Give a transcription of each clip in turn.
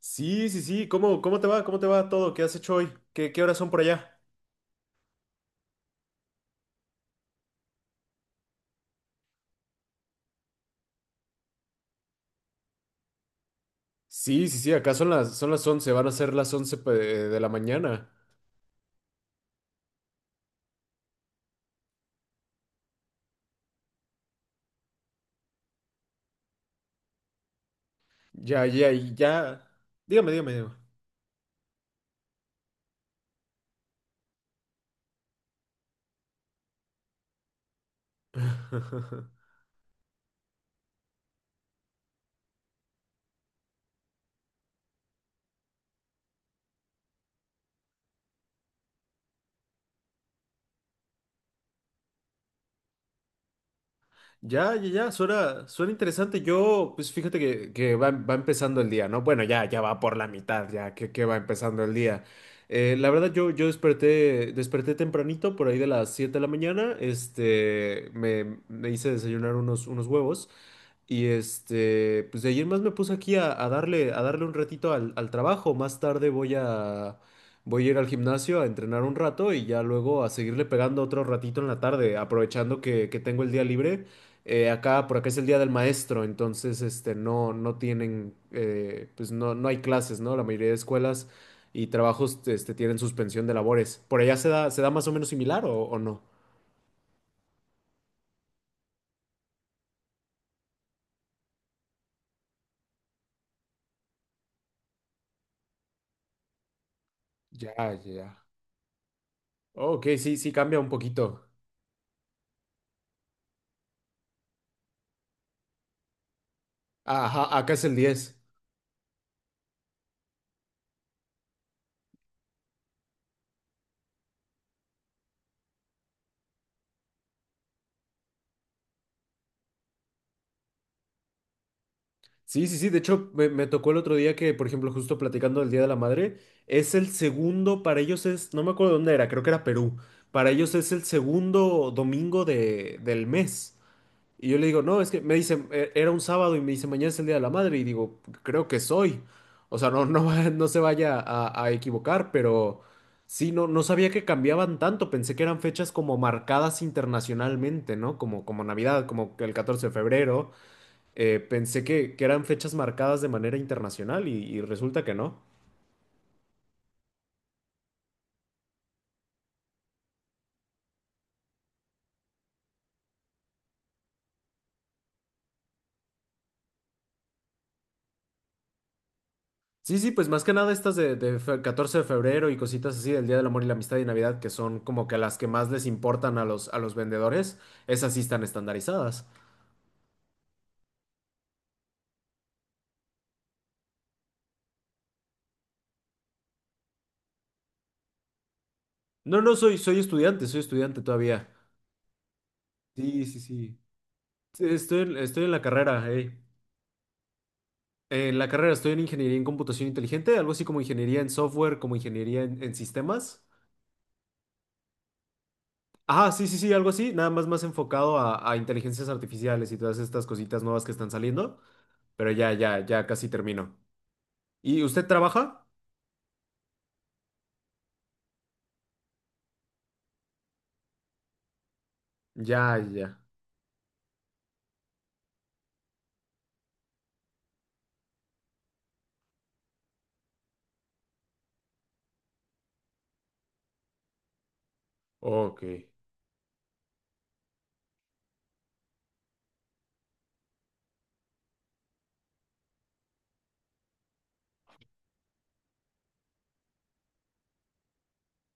Sí, sí, sí. ¿Cómo te va? ¿Cómo te va todo? ¿Qué has hecho hoy? ¿Qué horas son por allá? Sí, sí, sí. Acá son las 11. Van a ser las 11 de la mañana. Ya, ya, ya. Dígame, dígame, dígame. Ya, ya, ya, suena interesante. Yo, pues fíjate que va empezando el día, ¿no? Bueno, ya, ya va por la mitad, ya que va empezando el día. La verdad, yo desperté tempranito, por ahí de las 7 de la mañana. Me hice desayunar unos huevos. Y pues de ayer más me puse aquí a darle un ratito al trabajo. Más tarde voy a ir al gimnasio a entrenar un rato y ya luego a seguirle pegando otro ratito en la tarde, aprovechando que tengo el día libre. Por acá es el día del maestro, entonces, no tienen, pues no hay clases, ¿no? La mayoría de escuelas y trabajos tienen suspensión de labores. ¿Por allá se da más o menos similar o no? Ya, ya. Ok, sí, sí cambia un poquito. Ajá, acá es el 10. Sí, sí, sí. De hecho, me tocó el otro día que, por ejemplo, justo platicando del Día de la Madre, es el segundo, para ellos es, no me acuerdo dónde era, creo que era Perú. Para ellos es el segundo domingo del mes. Y yo le digo, no, es que me dice "Era un sábado y me dice, mañana es el Día de la Madre. Y digo, creo que soy. O sea, no, no, no se vaya a equivocar, pero sí, no sabía que cambiaban tanto. Pensé que eran fechas como marcadas internacionalmente, ¿no? Como Navidad, como el 14 de febrero. Pensé que eran fechas marcadas de manera internacional y resulta que no. Sí, sí, pues más que nada estas de 14 de febrero y cositas así del Día del Amor y la Amistad y Navidad, que son como que las que más les importan a los vendedores, esas sí están estandarizadas. No, no, soy estudiante todavía. Sí, sí, sí. Sí, estoy en la carrera. En la carrera estoy en ingeniería en computación inteligente, algo así como ingeniería en software, como ingeniería en sistemas. Ajá, sí, sí, sí, algo así, nada más enfocado a inteligencias artificiales y todas estas cositas nuevas que están saliendo, pero ya, ya, ya casi termino. ¿Y usted trabaja? Ya, ya. Ok.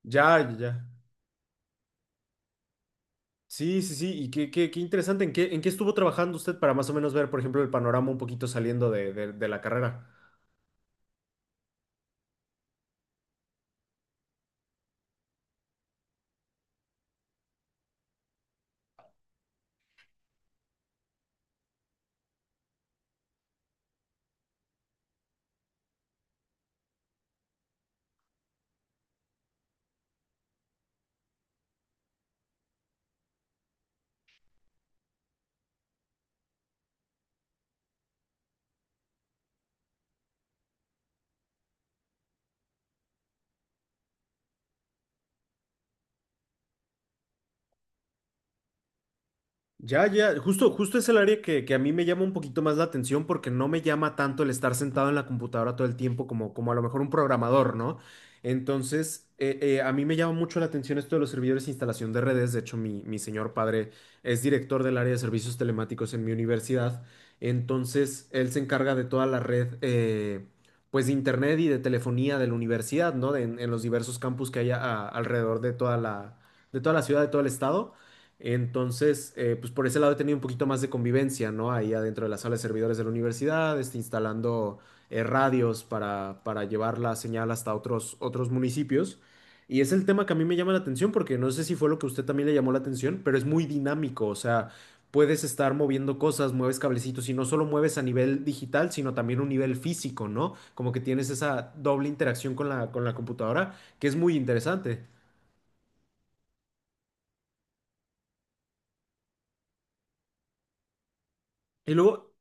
Ya, ya. Ya. Sí, sí, sí, y qué interesante, ¿en qué estuvo trabajando usted para más o menos ver, por ejemplo, el panorama un poquito saliendo de la carrera? Ya, ya, justo es el área que a mí me llama un poquito más la atención porque no me llama tanto el estar sentado en la computadora todo el tiempo como a lo mejor un programador, ¿no? Entonces, a mí me llama mucho la atención esto de los servidores de instalación de redes. De hecho, mi señor padre es director del área de servicios telemáticos en mi universidad. Entonces, él se encarga de toda la red, pues de internet y de telefonía de la universidad, ¿no? En los diversos campus que hay alrededor de toda la ciudad, de todo el estado. Entonces, pues por ese lado he tenido un poquito más de convivencia, ¿no? Ahí adentro de la sala de servidores de la universidad, instalando, radios para llevar la señal hasta otros municipios. Y es el tema que a mí me llama la atención porque no sé si fue lo que a usted también le llamó la atención, pero es muy dinámico, o sea, puedes estar moviendo cosas, mueves cablecitos y no solo mueves a nivel digital, sino también un nivel físico, ¿no? Como que tienes esa doble interacción con la computadora, que es muy interesante. Y luego,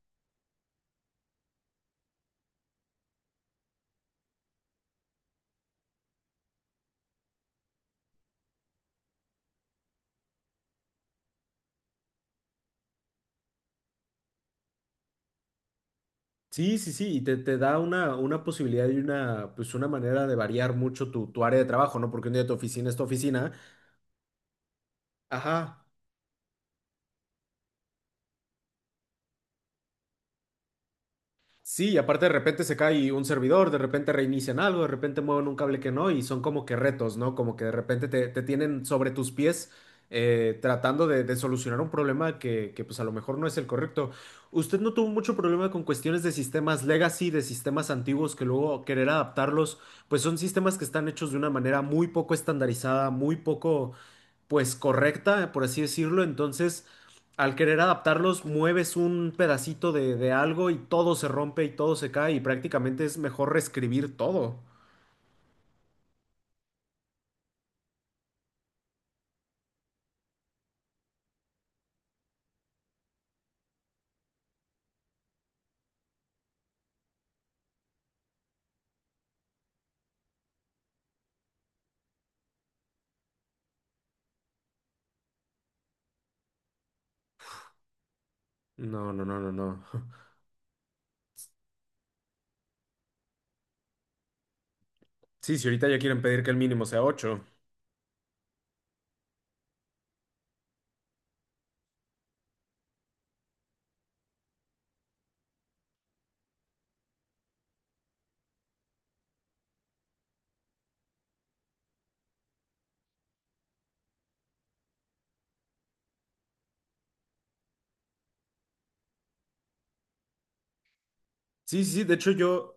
sí, sí, sí, y te da una posibilidad y pues una manera de variar mucho tu área de trabajo, ¿no? Porque un día tu oficina es tu oficina, ajá, sí, y aparte de repente se cae un servidor, de repente reinician algo, de repente mueven un cable que no, y son como que retos, ¿no? Como que de repente te tienen sobre tus pies, tratando de solucionar un problema que, pues a lo mejor no es el correcto. ¿Usted no tuvo mucho problema con cuestiones de sistemas legacy, de sistemas antiguos que luego querer adaptarlos? Pues son sistemas que están hechos de una manera muy poco estandarizada, muy poco, pues correcta, por así decirlo. Entonces al querer adaptarlos, mueves un pedacito de algo y todo se rompe y todo se cae y prácticamente es mejor reescribir todo. No, no, no, no, no. Sí, si ahorita ya quieren pedir que el mínimo sea 8. Sí, sí, sí, de hecho yo,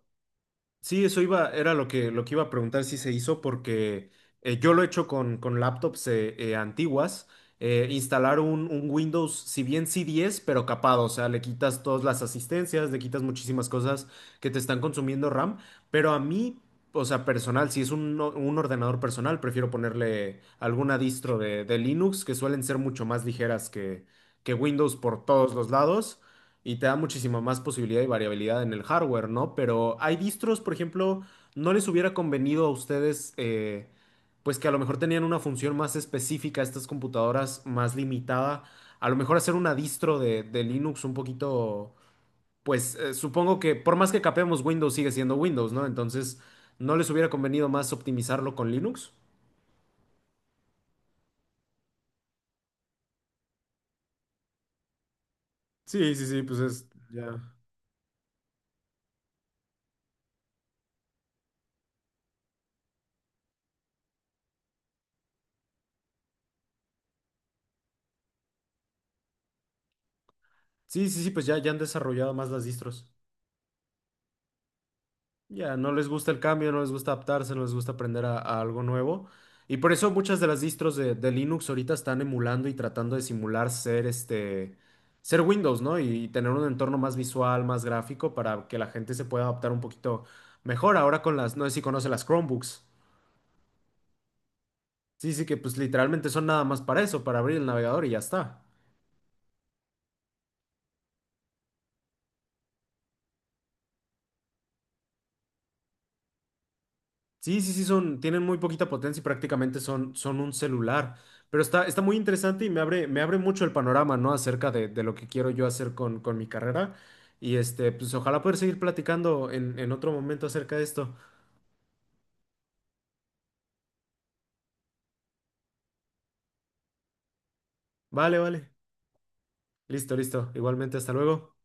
sí, eso iba, era lo que, iba a preguntar si se hizo, porque yo lo he hecho con laptops antiguas. Instalar un Windows, si bien sí 10 pero capado, o sea, le quitas todas las asistencias, le quitas muchísimas cosas que te están consumiendo RAM, pero a mí, o sea, personal, si es un ordenador personal, prefiero ponerle alguna distro de Linux, que suelen ser mucho más ligeras que Windows por todos los lados. Y te da muchísima más posibilidad y variabilidad en el hardware, ¿no? Pero hay distros, por ejemplo, no les hubiera convenido a ustedes, pues que a lo mejor tenían una función más específica, estas computadoras más limitada, a lo mejor hacer una distro de Linux un poquito, pues supongo que por más que capemos Windows sigue siendo Windows, ¿no? Entonces, ¿no les hubiera convenido más optimizarlo con Linux? Sí, sí, sí, pues es ya. Sí, sí, sí, pues ya han desarrollado más las distros. Ya, no les gusta el cambio, no les gusta adaptarse, no les gusta aprender a algo nuevo. Y por eso muchas de las distros de Linux ahorita están emulando y tratando de simular ser Windows, ¿no? Y, tener un entorno más visual, más gráfico para que la gente se pueda adaptar un poquito mejor. Ahora no sé si conoce las Chromebooks. Sí, sí, que pues literalmente son nada más para eso, para abrir el navegador y ya está. Sí, sí, sí, son, tienen muy poquita potencia y prácticamente son un celular. Pero está muy interesante y me abre mucho el panorama, ¿no? Acerca de lo que quiero yo hacer con mi carrera. Y pues ojalá poder seguir platicando en otro momento acerca de esto. Vale, vale. Listo, listo. Igualmente, hasta luego.